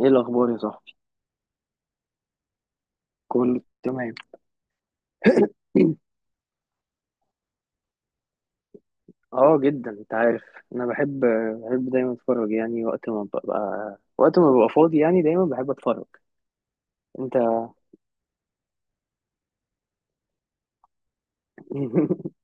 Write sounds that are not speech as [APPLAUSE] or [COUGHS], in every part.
ايه الاخبار يا صاحبي؟ كله تمام. [COUGHS] [CLEARS THROAT] اه، جدا، انت عارف. انا بحب دايما اتفرج، يعني وقت ما ببقى فاضي، يعني دايما بحب اتفرج. انت. [LAUGHS]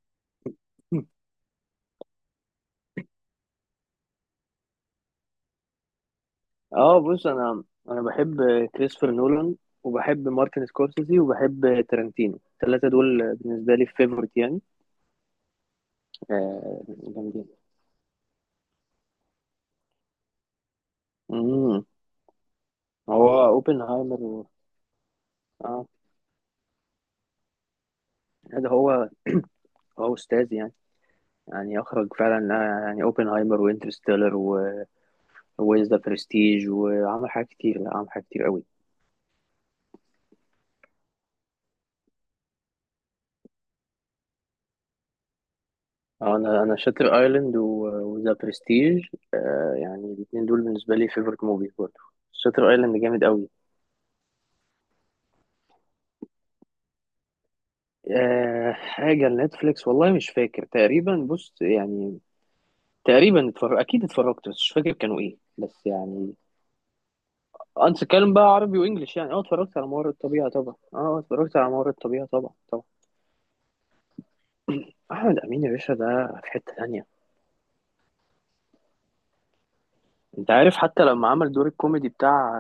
اه، بص. انا بحب كريستوفر نولان، وبحب مارتن سكورسيزي، وبحب تارانتينو. الثلاثه دول بالنسبه لي فيفورت يعني. آه، جامدين. امم. هو اوبنهايمر و... اه، ده هو استاذ يعني. يعني اخرج فعلا، آه، يعني اوبنهايمر، وانترستيلر، ويز ذا برستيج، وعمل حاجات كتير. لا، عمل حاجات كتير قوي. اه، انا شاتر ايلاند وذا برستيج. آه، يعني الاثنين دول بالنسبه لي فيفورت موفيز برضه. شاتر ايلاند جامد قوي. آه، حاجه نتفليكس، والله مش فاكر تقريبا. بص يعني، تقريبا اتفرج، اكيد اتفرجت، بس مش فاكر كانوا ايه، بس يعني. آه، انت تتكلم بقى عربي وانجلش يعني. اه اتفرجت على ممر الطبيعه طبعا. اتفرجت على ممر الطبيعه طبعا، طبعا. احمد امين يا باشا ده في حته ثانيه. انت عارف، حتى لما عمل دور الكوميدي بتاع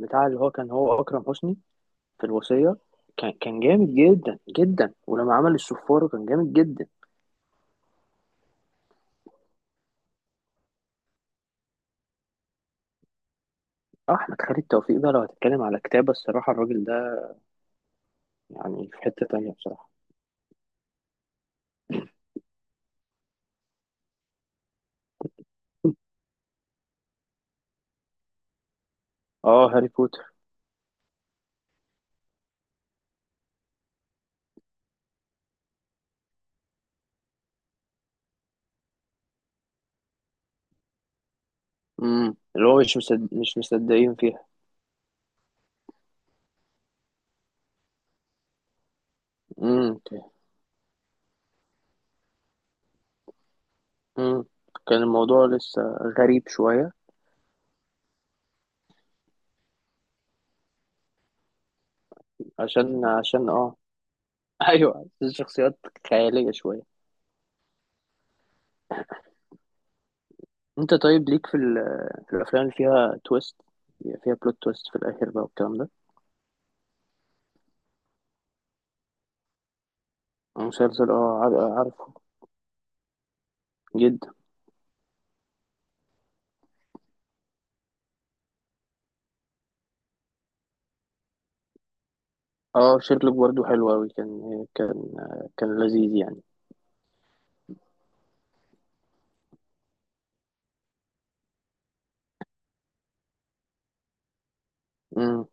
بتاع اللي هو، كان هو اكرم حسني، في الوصية، كان جامد جدا جدا. ولما عمل السفارة كان جامد جدا. آه، احمد خالد توفيق بقى، لو هتتكلم على كتابة، الصراحة الراجل ده يعني في حتة تانية بصراحة. اه، هاري بوتر. امم، اللي هو مش مصدقين فيها. امم. امم. كان الموضوع لسه غريب شوية. عشان اه. [LAUGHS] ايوه، الشخصيات خيالية شوية. انت طيب ليك في الافلام اللي فيها تويست، بيبقى فيها بلوت تويست في الاخر بقى والكلام ده. مسلسل، عارفه. جدا. اه، شيرلوك برضه حلو اوي. كان لذيذ يعني. امم.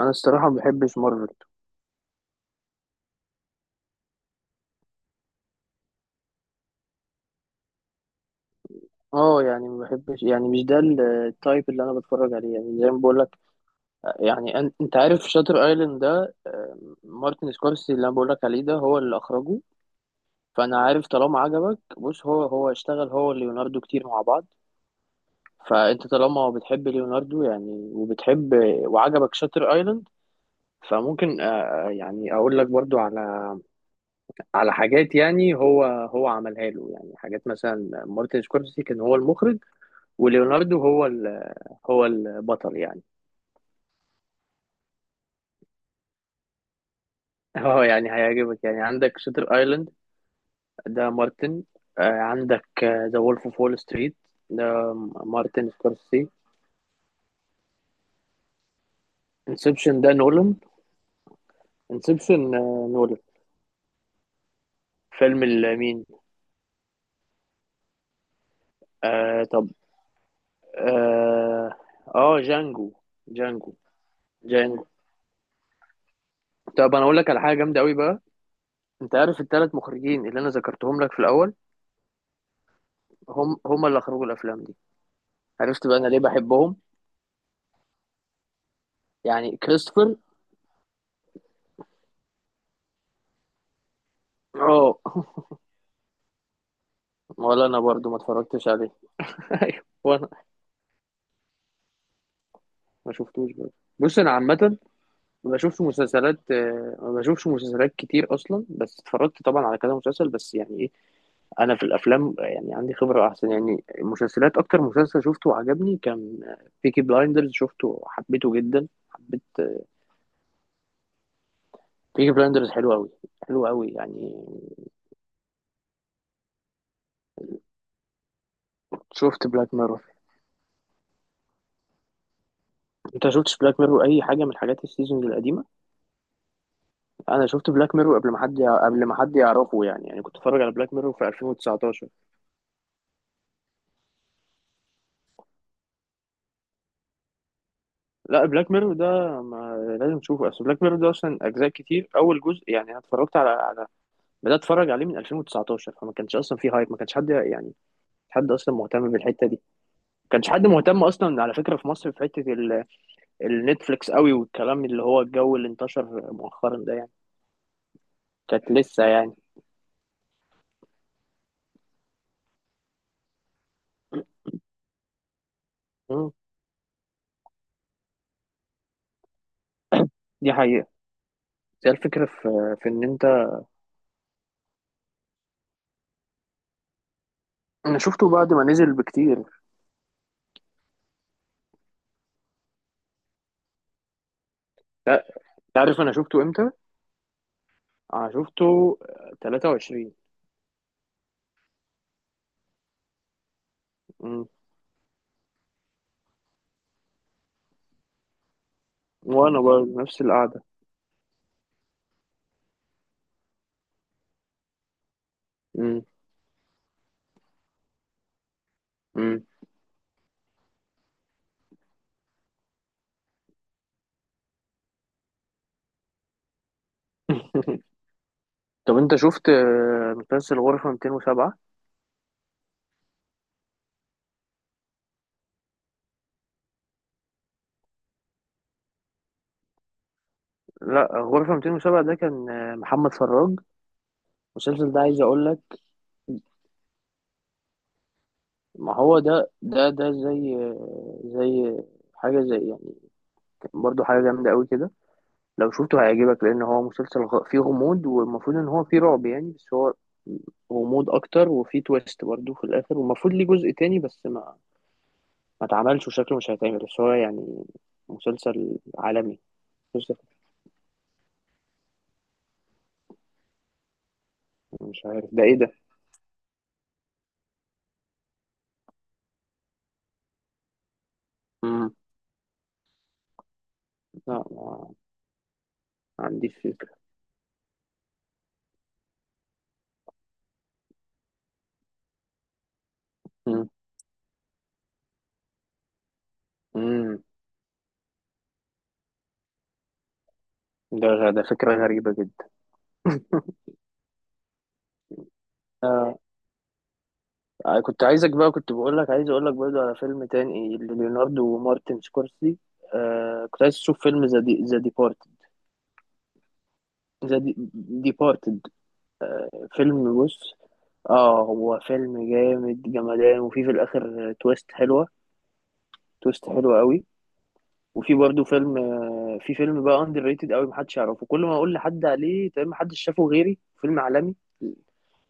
انا الصراحه ما بحبش مارفل. اه، يعني ما بحبش، يعني مش ده التايب اللي انا بتفرج عليه، يعني زي ما بقول لك. يعني انت عارف شاتر ايلاند ده، آه، مارتن سكورسي اللي انا بقول لك عليه، ده هو اللي اخرجه. فانا عارف، طالما عجبك، بص، هو اشتغل هو وليوناردو كتير مع بعض. فانت طالما بتحب ليوناردو يعني، وبتحب وعجبك شاتر ايلاند، فممكن، يعني اقول لك برضو على، على حاجات، يعني هو عملها له. يعني حاجات، مثلا مارتن سكورسي كان هو المخرج، وليوناردو هو هو البطل يعني. [LAUGHS] اه، يعني هيعجبك. يعني عندك شاتر ايلاند، ده مارتن. آه، عندك ذا وولف اوف وول ستريت، ده مارتن سكورسي. انسبشن ده نولان. انسبشن، نولان. فيلم مين؟ آه. اه. آه، جانجو. جانجو. جانجو. طب انا اقول لك على حاجه جامده قوي بقى. انت عارف الثلاث مخرجين اللي انا ذكرتهم لك في الاول، هم اللي اخرجوا الافلام دي. عرفت بقى انا ليه بحبهم؟ يعني كريستوفر. اه. [LAUGHS] ولا انا برضو ما اتفرجتش عليه. [LAUGHS] ايوه، وانا ما شفتوش برضو. بص انا عامه، ما بشوفش مسلسلات كتير اصلا، بس اتفرجت طبعا على كذا مسلسل، بس يعني ايه، انا في الافلام يعني عندي خبره احسن يعني. المسلسلات، اكتر مسلسل شفته وعجبني كان بيكي بلايندرز، شفته حبيته جدا، حبيت بيكي بلايندرز، حلو قوي. حلو قوي يعني. شفت بلاك ميرور؟ انت شفتش بلاك ميرور اي حاجه من حاجات السيزونز القديمه؟ انا شفت بلاك ميرور قبل ما حد قبل ما حد يعرفه، يعني كنت اتفرج على بلاك ميرور في 2019. لا، بلاك ميرور ده ما لازم تشوفه، اصل بلاك ميرور ده اصلا اجزاء كتير. اول جزء، يعني انا اتفرجت على، بدات اتفرج عليه من 2019، فما كانش اصلا فيه هايب، ما كانش حد يعني، حد اصلا مهتم بالحته دي. ما كانش حد مهتم اصلا على فكره في مصر، في حته النتفليكس قوي، والكلام اللي هو الجو اللي انتشر مؤخرا ده يعني كانت لسه يعني. مم. دي حقيقه. هي الفكره، في ان انت. انا شفته بعد ما نزل بكتير. لا، تعرف انا شفته امتى؟ انا شفته 23. مم. وانا برضه نفس القعده. مم. مم. [LAUGHS] طب انت شفت، آه، مسلسل غرفة 207؟ لا، غرفة 207 ده كان، آه، محمد فراج. المسلسل ده عايز اقول لك. ما هو ده، زي، حاجة زي يعني، برضو حاجة جامدة قوي كده. لو شفته هيعجبك، لأن هو مسلسل فيه غموض، والمفروض إن هو فيه رعب يعني، بس هو غموض أكتر، وفيه تويست برضو في الآخر. والمفروض ليه جزء تاني، بس ما اتعملش وشكله مش هيتعمل، بس هو يعني مسلسل عالمي. مسلسل. مش عارف ده إيه ده؟ مم. لا، ما عنديش فكرة. مم. مم. ده فكرة غريبة جدا. آه، كنت عايزك بقى، كنت بقول لك، عايز اقول لك برضه على فيلم تاني لليوناردو ومارتن سكورسي. آه، كنت عايز اشوف فيلم ذا ديبارتد. ذا ديبارتد، فيلم. بص، اه، هو فيلم جامد جمدان، وفي الاخر تويست حلوه، تويست حلوه قوي. وفي برضه فيلم، في فيلم بقى اندر ريتد قوي، محدش يعرفه. كل ما اقول لحد عليه تمام، محدش شافه غيري، فيلم عالمي.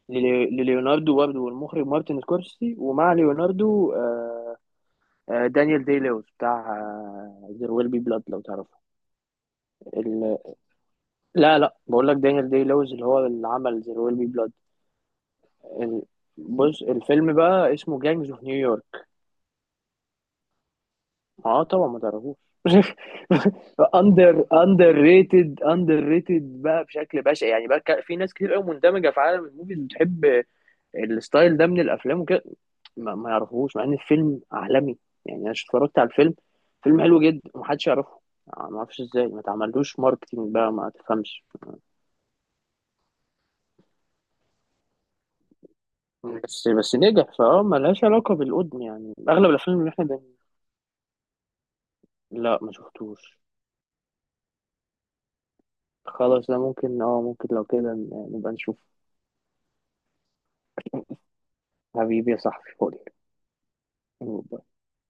لليوناردو برضه، والمخرج مارتن سكورسي، ومع ليوناردو، آه، آه، دانيال داي لويس، بتاع زير ويل بي بلاد لو تعرفه. ال... لا لا، بقول لك دانيال داي لويس اللي هو اللي عمل زير ويل بي بلاد. ال... بص، الفيلم بقى اسمه جانجز اوف نيويورك. اه، طبعا ما تعرفوش. [LAUGHS] اندر ريتد، اندر ريتد بقى بشكل بشع يعني بقى في ناس كتير قوي مندمجه في عالم الموفيز بتحب الستايل ده من الافلام وكده. ما يعرفوهوش، مع ان الفيلم عالمي، يعني انا اتفرجت على الفيلم، فيلم حلو جدا ومحدش يعرفه. آه، ما اعرفش ازاي ما اتعملوش ماركتينج بقى، ما تفهمش. بس نجح. فاه ملهاش علاقه بالقدم، يعني اغلب الافلام اللي احنا لا، ما شفتوش. خلاص ده ممكن، ممكن لو كده نبقى نشوف. حبيبي يا صاحبي، فاضي.